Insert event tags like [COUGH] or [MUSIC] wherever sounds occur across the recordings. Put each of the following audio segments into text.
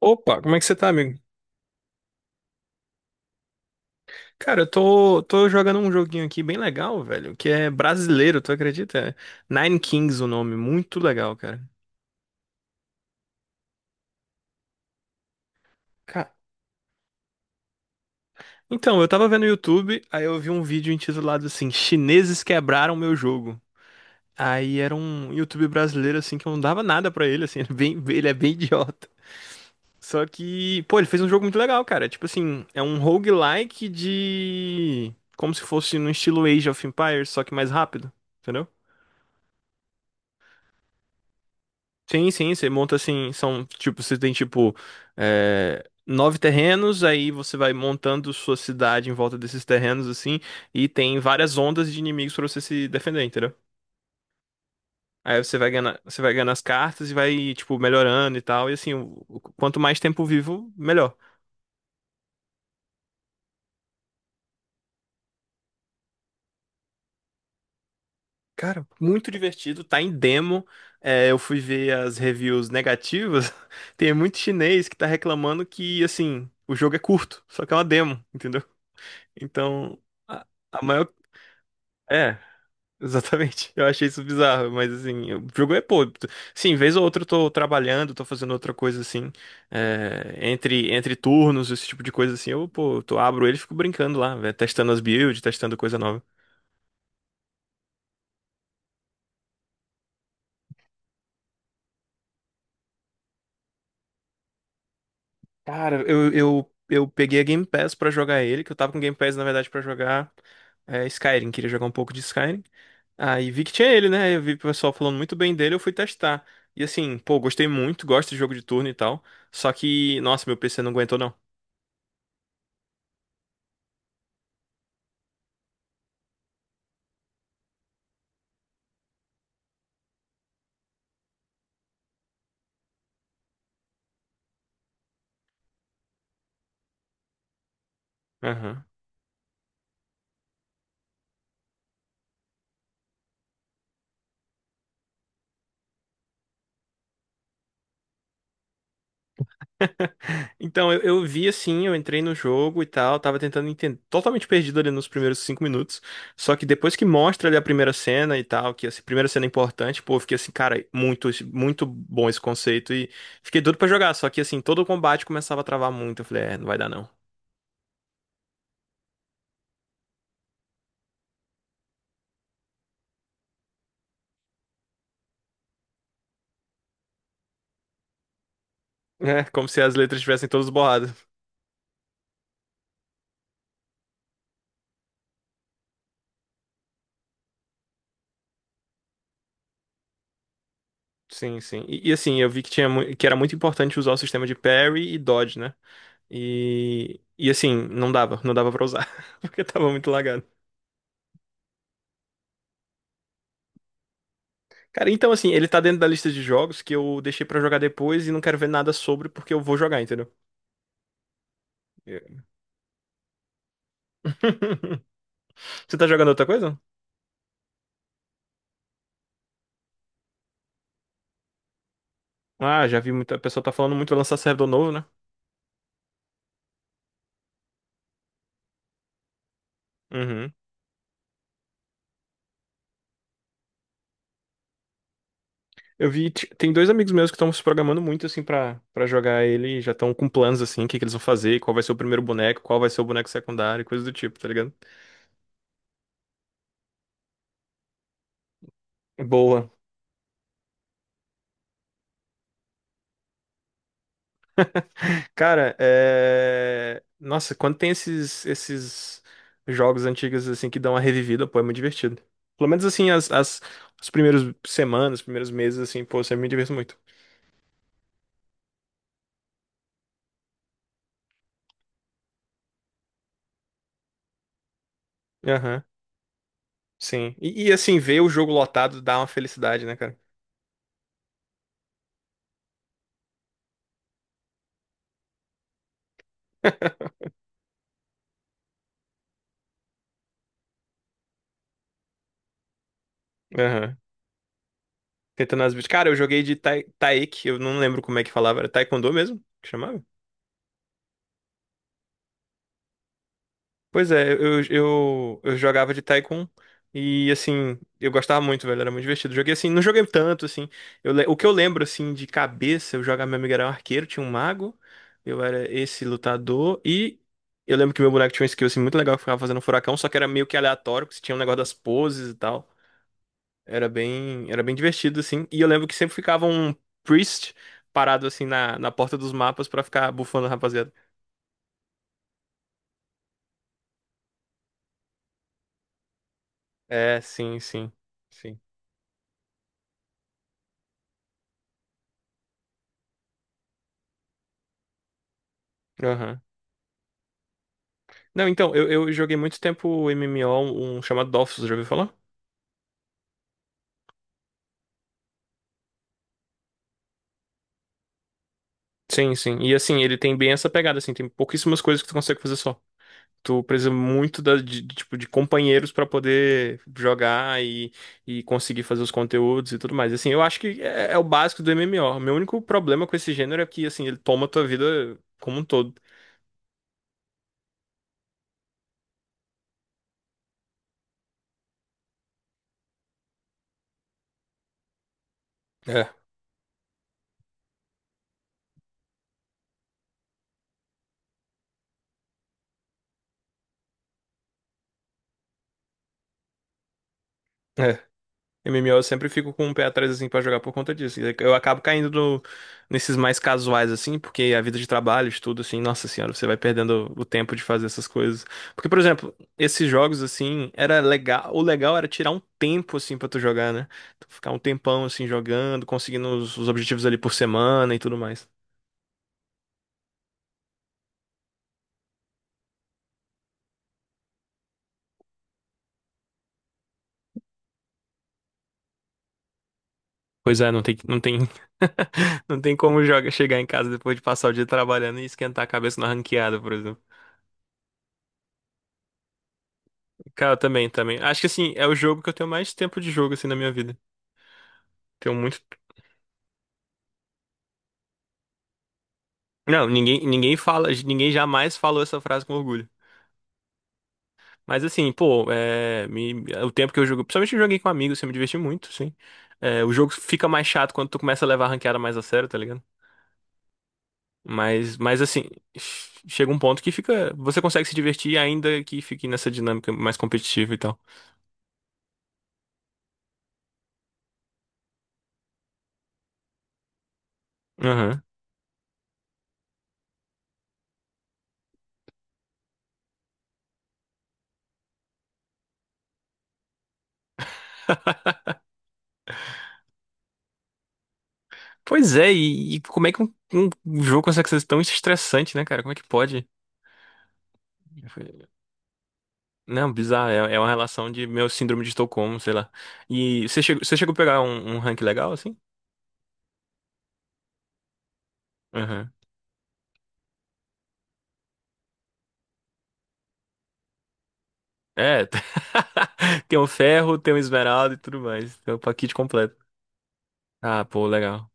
Opa, como é que você tá, amigo? Cara, eu tô jogando um joguinho aqui bem legal, velho, que é brasileiro, tu acredita? É Nine Kings o nome, muito legal, cara. Ca- Então, eu tava vendo no YouTube, aí eu vi um vídeo intitulado assim, Chineses quebraram meu jogo. Aí era um YouTube brasileiro, assim, que eu não dava nada pra ele, assim, [LAUGHS] ele é bem idiota. Só que, pô, ele fez um jogo muito legal, cara. Tipo assim, é um roguelike de... Como se fosse no estilo Age of Empires, só que mais rápido, entendeu? Sim, sim, você monta assim, são tipo, você tem tipo nove terrenos, aí você vai montando sua cidade em volta desses terrenos assim, e tem várias ondas de inimigos pra você se defender, entendeu? Aí você vai ganhando as cartas e vai tipo melhorando e tal, e assim, quanto mais tempo vivo, melhor. Cara, muito divertido, tá em demo. É, eu fui ver as reviews negativas. [LAUGHS] Tem muito chinês que tá reclamando que assim, o jogo é curto, só que é uma demo, entendeu? Então, a, a maior. É, exatamente. [LAUGHS] Eu achei isso bizarro, mas assim, o jogo é pô. Sim, vez ou outra eu tô trabalhando, tô fazendo outra coisa assim. Entre turnos, esse tipo de coisa assim, eu, pô, tu abro ele e fico brincando lá, velho, testando as builds, testando coisa nova. Cara, eu peguei a Game Pass pra jogar ele, que eu tava com Game Pass, na verdade, pra jogar Skyrim. Queria jogar um pouco de Skyrim. Aí vi que tinha ele, né? Eu vi o pessoal falando muito bem dele, eu fui testar. E assim, pô, gostei muito, gosto de jogo de turno e tal. Só que, nossa, meu PC não aguentou, não. Aham. [LAUGHS] Então, eu vi assim, eu entrei no jogo e tal, tava tentando entender, totalmente perdido ali nos primeiros 5 minutos. Só que depois que mostra ali a primeira cena e tal, que essa primeira cena é importante, pô, eu fiquei assim, cara, muito, muito bom esse conceito e fiquei doido pra jogar. Só que assim, todo o combate começava a travar muito. Eu falei, é, não vai dar não. [LAUGHS] É, como se as letras estivessem todas borradas. Sim, sim. E, assim, eu vi que tinha que era muito importante usar o sistema de parry e dodge, né? E assim, não dava pra usar, [LAUGHS] porque tava muito lagado. Cara, então assim, ele tá dentro da lista de jogos que eu deixei pra jogar depois e não quero ver nada sobre porque eu vou jogar, entendeu? Eu- [LAUGHS] Você tá jogando outra coisa? Ah, já vi muita pessoa tá falando muito, vai lançar servidor novo, né? Uhum. Eu vi, tem dois amigos meus que estão se programando muito assim pra para jogar ele, e já estão com planos assim, o que que eles vão fazer, qual vai ser o primeiro boneco, qual vai ser o boneco secundário, coisa do tipo, tá ligado? Boa. Cara, é... Nossa, quando tem esses jogos antigos, assim, que dão uma revivida, pô, é muito divertido. Pelo menos, assim, os primeiros semanas, os primeiros meses, assim, pô, eu sempre me diverto muito. Aham, sim. E, assim, ver o jogo lotado dá uma felicidade, né, cara? [LAUGHS] Aham. Tentando as... Cara, eu joguei de tai... Taek, eu não lembro como é que falava, era Taekwondo mesmo? Que chamava? Pois é, eu jogava de Tycoon e, assim, eu gostava muito, velho, era muito divertido. Joguei, assim, não joguei tanto, assim, o que eu lembro, assim, de cabeça, eu jogava, meu amigo era um arqueiro, tinha um mago, eu era esse lutador e eu lembro que meu boneco tinha um skill, assim, muito legal que ficava fazendo furacão, só que era meio que aleatório, que tinha um negócio das poses e tal. Era bem divertido, assim, e eu lembro que sempre ficava um priest parado, assim, na porta dos mapas pra ficar bufando a rapaziada. É, sim, sim, sim. Aham. Não, então, eu joguei muito tempo o MMO, um chamado Dofus, já ouviu falar? Sim, sim. E assim, ele tem bem essa pegada, assim, tem pouquíssimas coisas que tu consegue fazer só. Tu precisa muito tipo, de companheiros pra poder jogar e conseguir fazer os conteúdos e tudo mais. Assim, eu acho que é, é o básico do MMO. Meu único problema com esse gênero é que, assim, ele toma a tua vida como um todo. É. MMO eu sempre fico com um pé atrás assim pra jogar por conta disso. Eu acabo caindo nesses mais casuais assim, porque a vida de trabalho, estudo assim, nossa senhora, você vai perdendo o tempo de fazer essas coisas. Porque, por exemplo, esses jogos assim, era legal, o legal era tirar um tempo assim pra tu jogar, né? Tu ficar um tempão assim jogando, conseguindo os objetivos ali por semana e tudo mais. Pois é, [LAUGHS] não tem como joga, chegar em casa depois de passar o dia trabalhando e esquentar a cabeça na ranqueada, por exemplo. Cara, eu também, também. Acho que assim, é o jogo que eu tenho mais tempo de jogo assim na minha vida. Tenho muito. Não, ninguém fala, ninguém jamais falou essa frase com orgulho. Mas assim, pô, o tempo que eu jogo, principalmente eu joguei com amigos, assim, eu me diverti muito, sim. É, o jogo fica mais chato quando tu começa a levar a ranqueada mais a sério, tá ligado? Mas assim, chega um ponto que fica, você consegue se divertir ainda que fique nessa dinâmica mais competitiva e tal. Aham. Pois é, e como é que um jogo consegue ser tão estressante, né, cara? Como é que pode? Não, bizarro. É uma relação de meu síndrome de Estocolmo, sei lá. E você chegou a pegar um rank legal, assim? Aham. É. [LAUGHS] Tem o ferro, tem o esmeralda e tudo mais. Tem o pacote completo. Ah, pô, legal.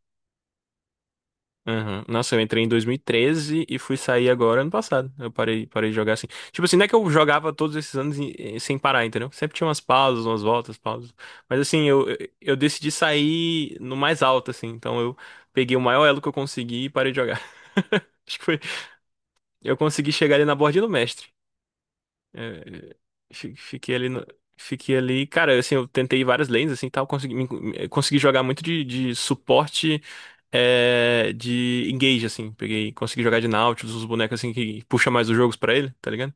Aham. Nossa, eu entrei em 2013 e 13 e fui sair agora ano passado. Eu parei de jogar assim. Tipo assim, não é que eu jogava todos esses anos sem parar, entendeu? Sempre tinha umas pausas, umas voltas, pausas. Mas assim, eu decidi sair no mais alto, assim. Então eu peguei o maior elo que eu consegui e parei de jogar. [LAUGHS] Acho que foi, eu consegui chegar ali na bordinha do mestre. É, fi- fiquei ali no- Fiquei ali, cara, assim, eu tentei várias lanes, assim, tal, consegui, me- me- eh, consegui jogar muito de, suporte, de engage, assim, peguei, consegui jogar de Nautilus, os bonecos, assim, que puxa mais os jogos pra ele, tá ligado?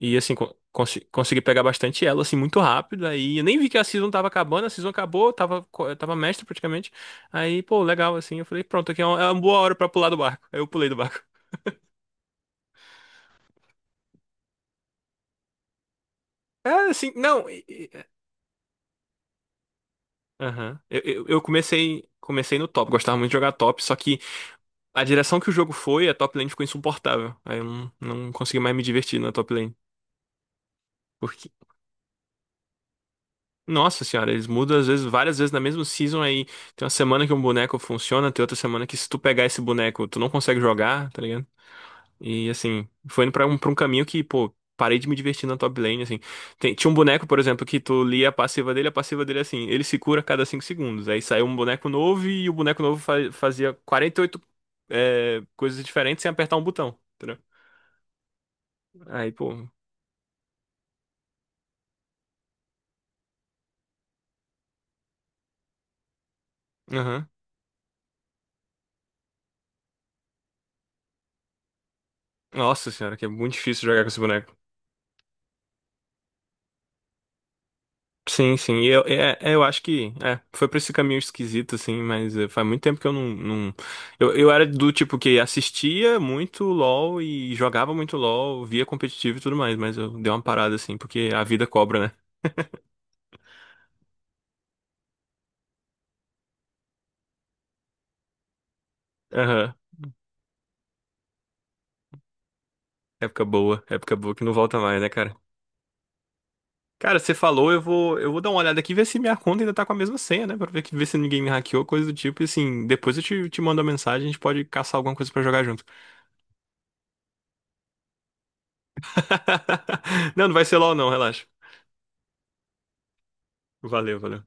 E, assim, consegui pegar bastante elo, assim, muito rápido, aí eu nem vi que a season tava acabando, a season acabou, eu tava mestre, praticamente, aí, pô, legal, assim, eu falei, pronto, aqui é uma boa hora pra pular do barco, aí eu pulei do barco. É, assim, não. Aham. Eu comecei no top, gostava muito de jogar top, só que a direção que o jogo foi, a top lane ficou insuportável. Aí eu não consegui mais me divertir na top lane. Porque, nossa senhora, eles mudam às vezes, várias vezes na mesma season aí. Tem uma semana que um boneco funciona, tem outra semana que se tu pegar esse boneco, tu não consegue jogar, tá ligado? E assim, foi indo pra um caminho que, pô, parei de me divertir na top lane, assim. Tinha um boneco, por exemplo, que tu lia a passiva dele é assim, ele se cura a cada 5 segundos. Aí saiu um boneco novo e o boneco novo fazia 48 coisas diferentes sem apertar um botão. Entendeu? Aí, pô. Aham. Nossa senhora, que é muito difícil jogar com esse boneco. Sim, sim. E eu acho que foi pra esse caminho esquisito, assim, mas é, faz muito tempo que eu não, não... Eu era do tipo que assistia muito LOL e jogava muito LOL, via competitivo e tudo mais, mas eu dei uma parada, assim, porque a vida cobra, né? Aham. Época boa que não volta mais, né, cara? Cara, você falou, eu vou dar uma olhada aqui e ver se minha conta ainda tá com a mesma senha, né? Pra ver, ver se ninguém me hackeou, coisa do tipo. E assim, depois eu te mando uma mensagem, a gente pode caçar alguma coisa pra jogar junto. [LAUGHS] Não, não vai ser LOL, não, relaxa. Valeu, valeu.